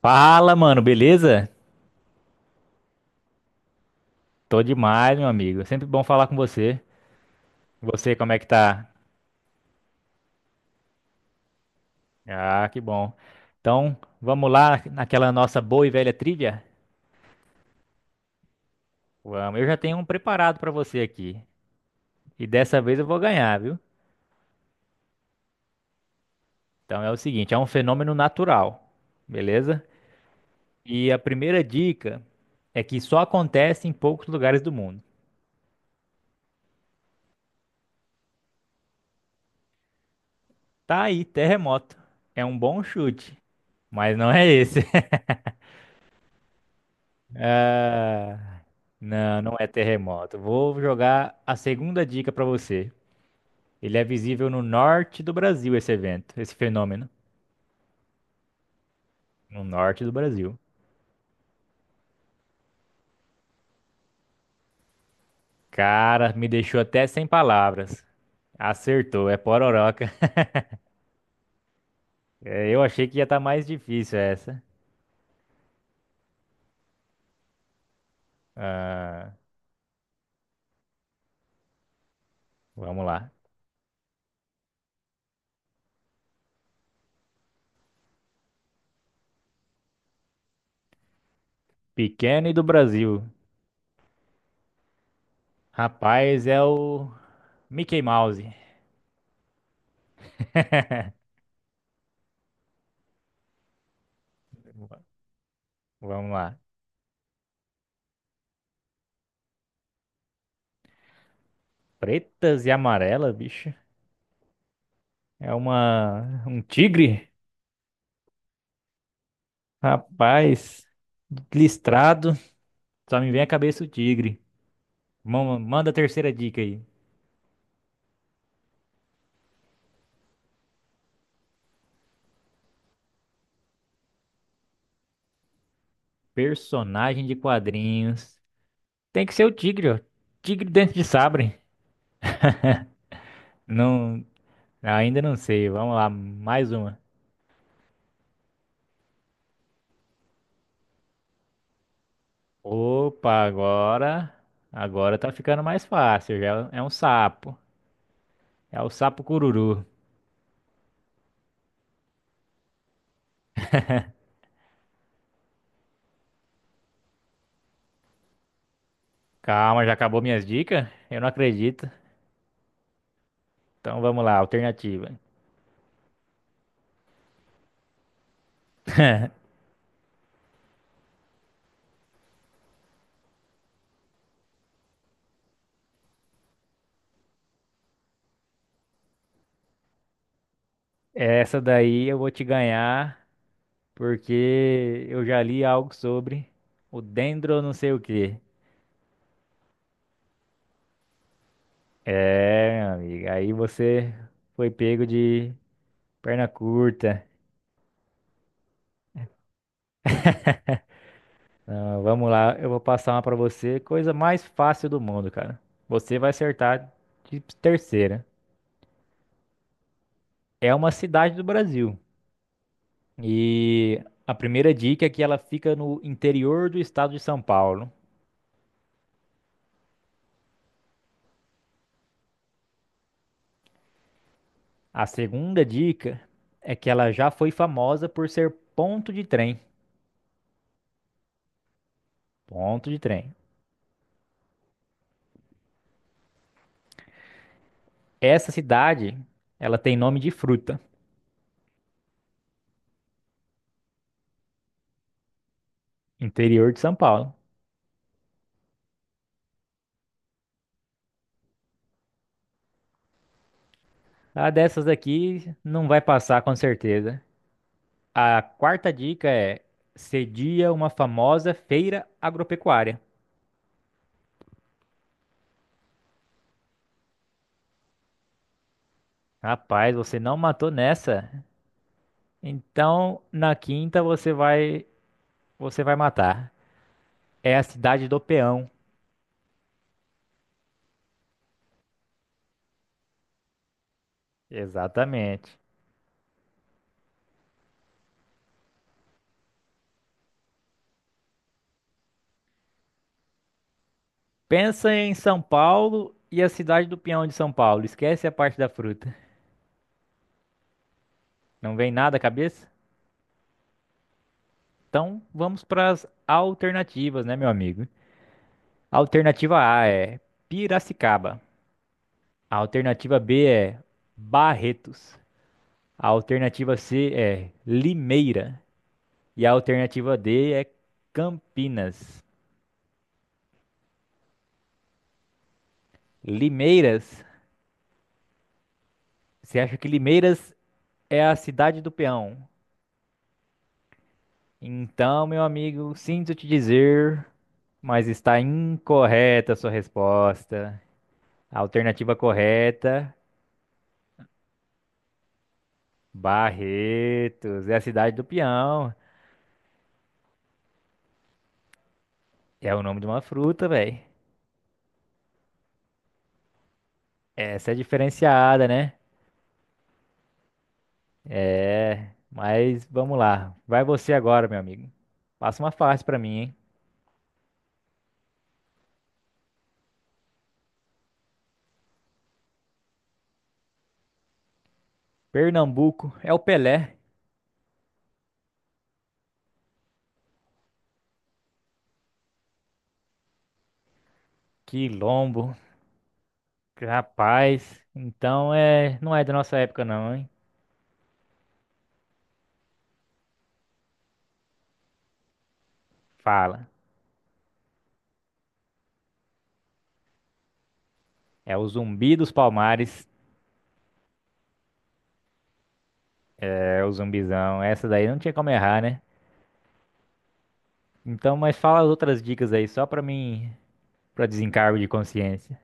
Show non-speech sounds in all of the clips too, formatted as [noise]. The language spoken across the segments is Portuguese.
Fala, mano, beleza? Tô demais, meu amigo. É sempre bom falar com você. Você, como é que tá? Ah, que bom. Então, vamos lá naquela nossa boa e velha trivia? Vamos, eu já tenho um preparado pra você aqui. E dessa vez eu vou ganhar, viu? Então é o seguinte, é um fenômeno natural, beleza? E a primeira dica é que só acontece em poucos lugares do mundo. Tá aí, terremoto. É um bom chute, mas não é esse. Ah, não, é terremoto. Vou jogar a segunda dica para você. Ele é visível no norte do Brasil, esse evento, esse fenômeno. No norte do Brasil. Cara, me deixou até sem palavras. Acertou, é pororoca. É, eu achei que ia estar mais difícil essa. Ah, vamos lá. Pequeno e do Brasil. Rapaz, é o Mickey Mouse. [laughs] Vamos lá. Pretas e amarelas, bicho. É uma um tigre? Rapaz, listrado, só me vem à cabeça o tigre. Manda a terceira dica aí. Personagem de quadrinhos. Tem que ser o tigre, ó. Tigre dentro de sabre. Não, ainda não sei. Vamos lá, mais uma. Opa, agora, agora tá ficando mais fácil. Já é um sapo. É o sapo cururu. Calma, já acabou minhas dicas? Eu não acredito. Então vamos lá, alternativa. Essa daí eu vou te ganhar, porque eu já li algo sobre o dendro não sei o quê. É, meu amigo, aí você foi pego de perna curta. Não, vamos lá, eu vou passar uma pra você, coisa mais fácil do mundo, cara. Você vai acertar de terceira. É uma cidade do Brasil. E a primeira dica é que ela fica no interior do estado de São Paulo. A segunda dica é que ela já foi famosa por ser ponto de trem. Ponto de trem. Essa cidade, ela tem nome de fruta, interior de São Paulo. A dessas daqui não vai passar com certeza. A quarta dica é cedia uma famosa feira agropecuária. Rapaz, você não matou nessa. Então, na quinta você vai matar. É a cidade do Peão. Exatamente. Pensa em São Paulo e a cidade do Peão de São Paulo. Esquece a parte da fruta. Não vem nada à cabeça? Então, vamos para as alternativas, né, meu amigo? Alternativa A é Piracicaba. A alternativa B é Barretos. A alternativa C é Limeira. E a alternativa D é Campinas. Limeiras? Você acha que Limeiras é a cidade do peão? Então, meu amigo, sinto te dizer, mas está incorreta a sua resposta. A alternativa correta Barretos, é a cidade do peão. É o nome de uma fruta, velho. Essa é diferenciada, né? É, mas vamos lá. Vai você agora, meu amigo. Passa uma fácil pra mim, hein? Pernambuco é o Pelé. Quilombo. Rapaz. Então é, não é da nossa época não, hein? Fala. É o Zumbi dos Palmares. É o zumbizão. Essa daí não tinha como errar, né? Então, mas fala as outras dicas aí só pra mim, pra desencargo de consciência.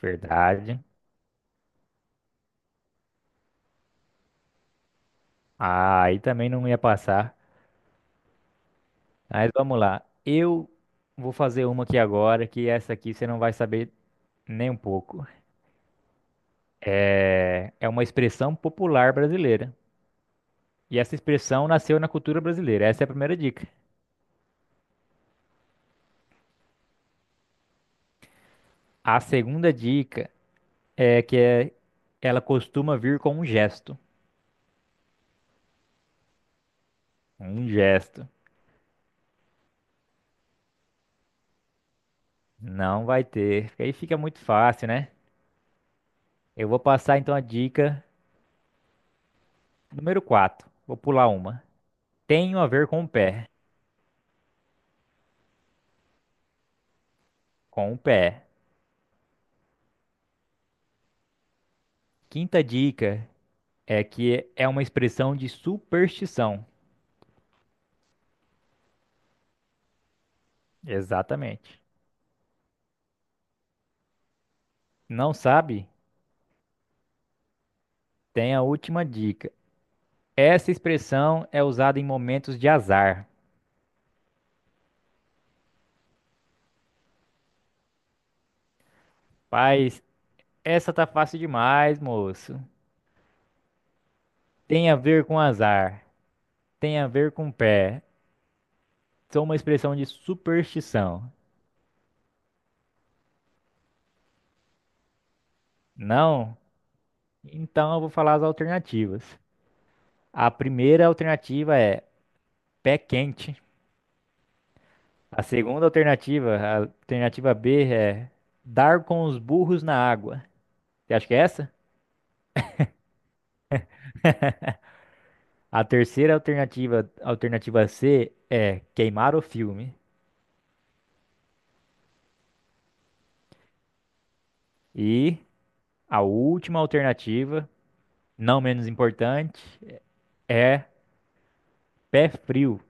Verdade. Ah, aí também não ia passar. Mas vamos lá. Eu vou fazer uma aqui agora, que essa aqui você não vai saber nem um pouco. É uma expressão popular brasileira. E essa expressão nasceu na cultura brasileira. Essa é a primeira dica. A segunda dica é ela costuma vir com um gesto. Um gesto. Não vai ter. Porque aí fica muito fácil, né? Eu vou passar então a dica número 4. Vou pular uma. Tenho a ver com o pé. Com o pé. Quinta dica. É que é uma expressão de superstição. Exatamente. Não sabe? Tem a última dica. Essa expressão é usada em momentos de azar. Paz, essa tá fácil demais, moço. Tem a ver com azar. Tem a ver com pé. Sou uma expressão de superstição. Não? Então eu vou falar as alternativas. A primeira alternativa é pé quente. A segunda alternativa, a alternativa B, é dar com os burros na água. Você acha que é essa? A terceira alternativa, alternativa C é queimar o filme. E a última alternativa, não menos importante, é pé frio.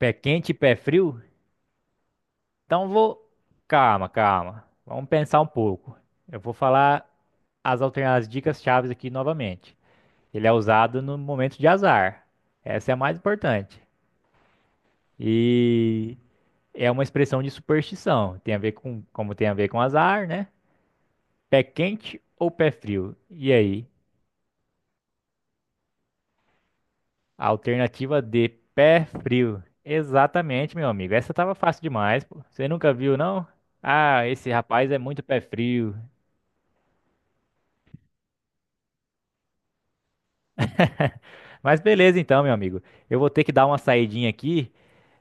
Pé quente e pé frio? Então vou. Calma, calma. Vamos pensar um pouco. Eu vou falar as dicas chaves aqui novamente. Ele é usado no momento de azar. Essa é a mais importante. E é uma expressão de superstição. Tem a ver com, como tem a ver com azar, né? Pé quente ou pé frio? E aí? Alternativa D, pé frio. Exatamente, meu amigo. Essa tava fácil demais, pô. Você nunca viu, não? Ah, esse rapaz é muito pé frio. Mas beleza então, meu amigo. Eu vou ter que dar uma saidinha aqui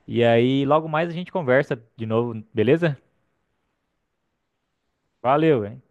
e aí logo mais a gente conversa de novo, beleza? Valeu, hein?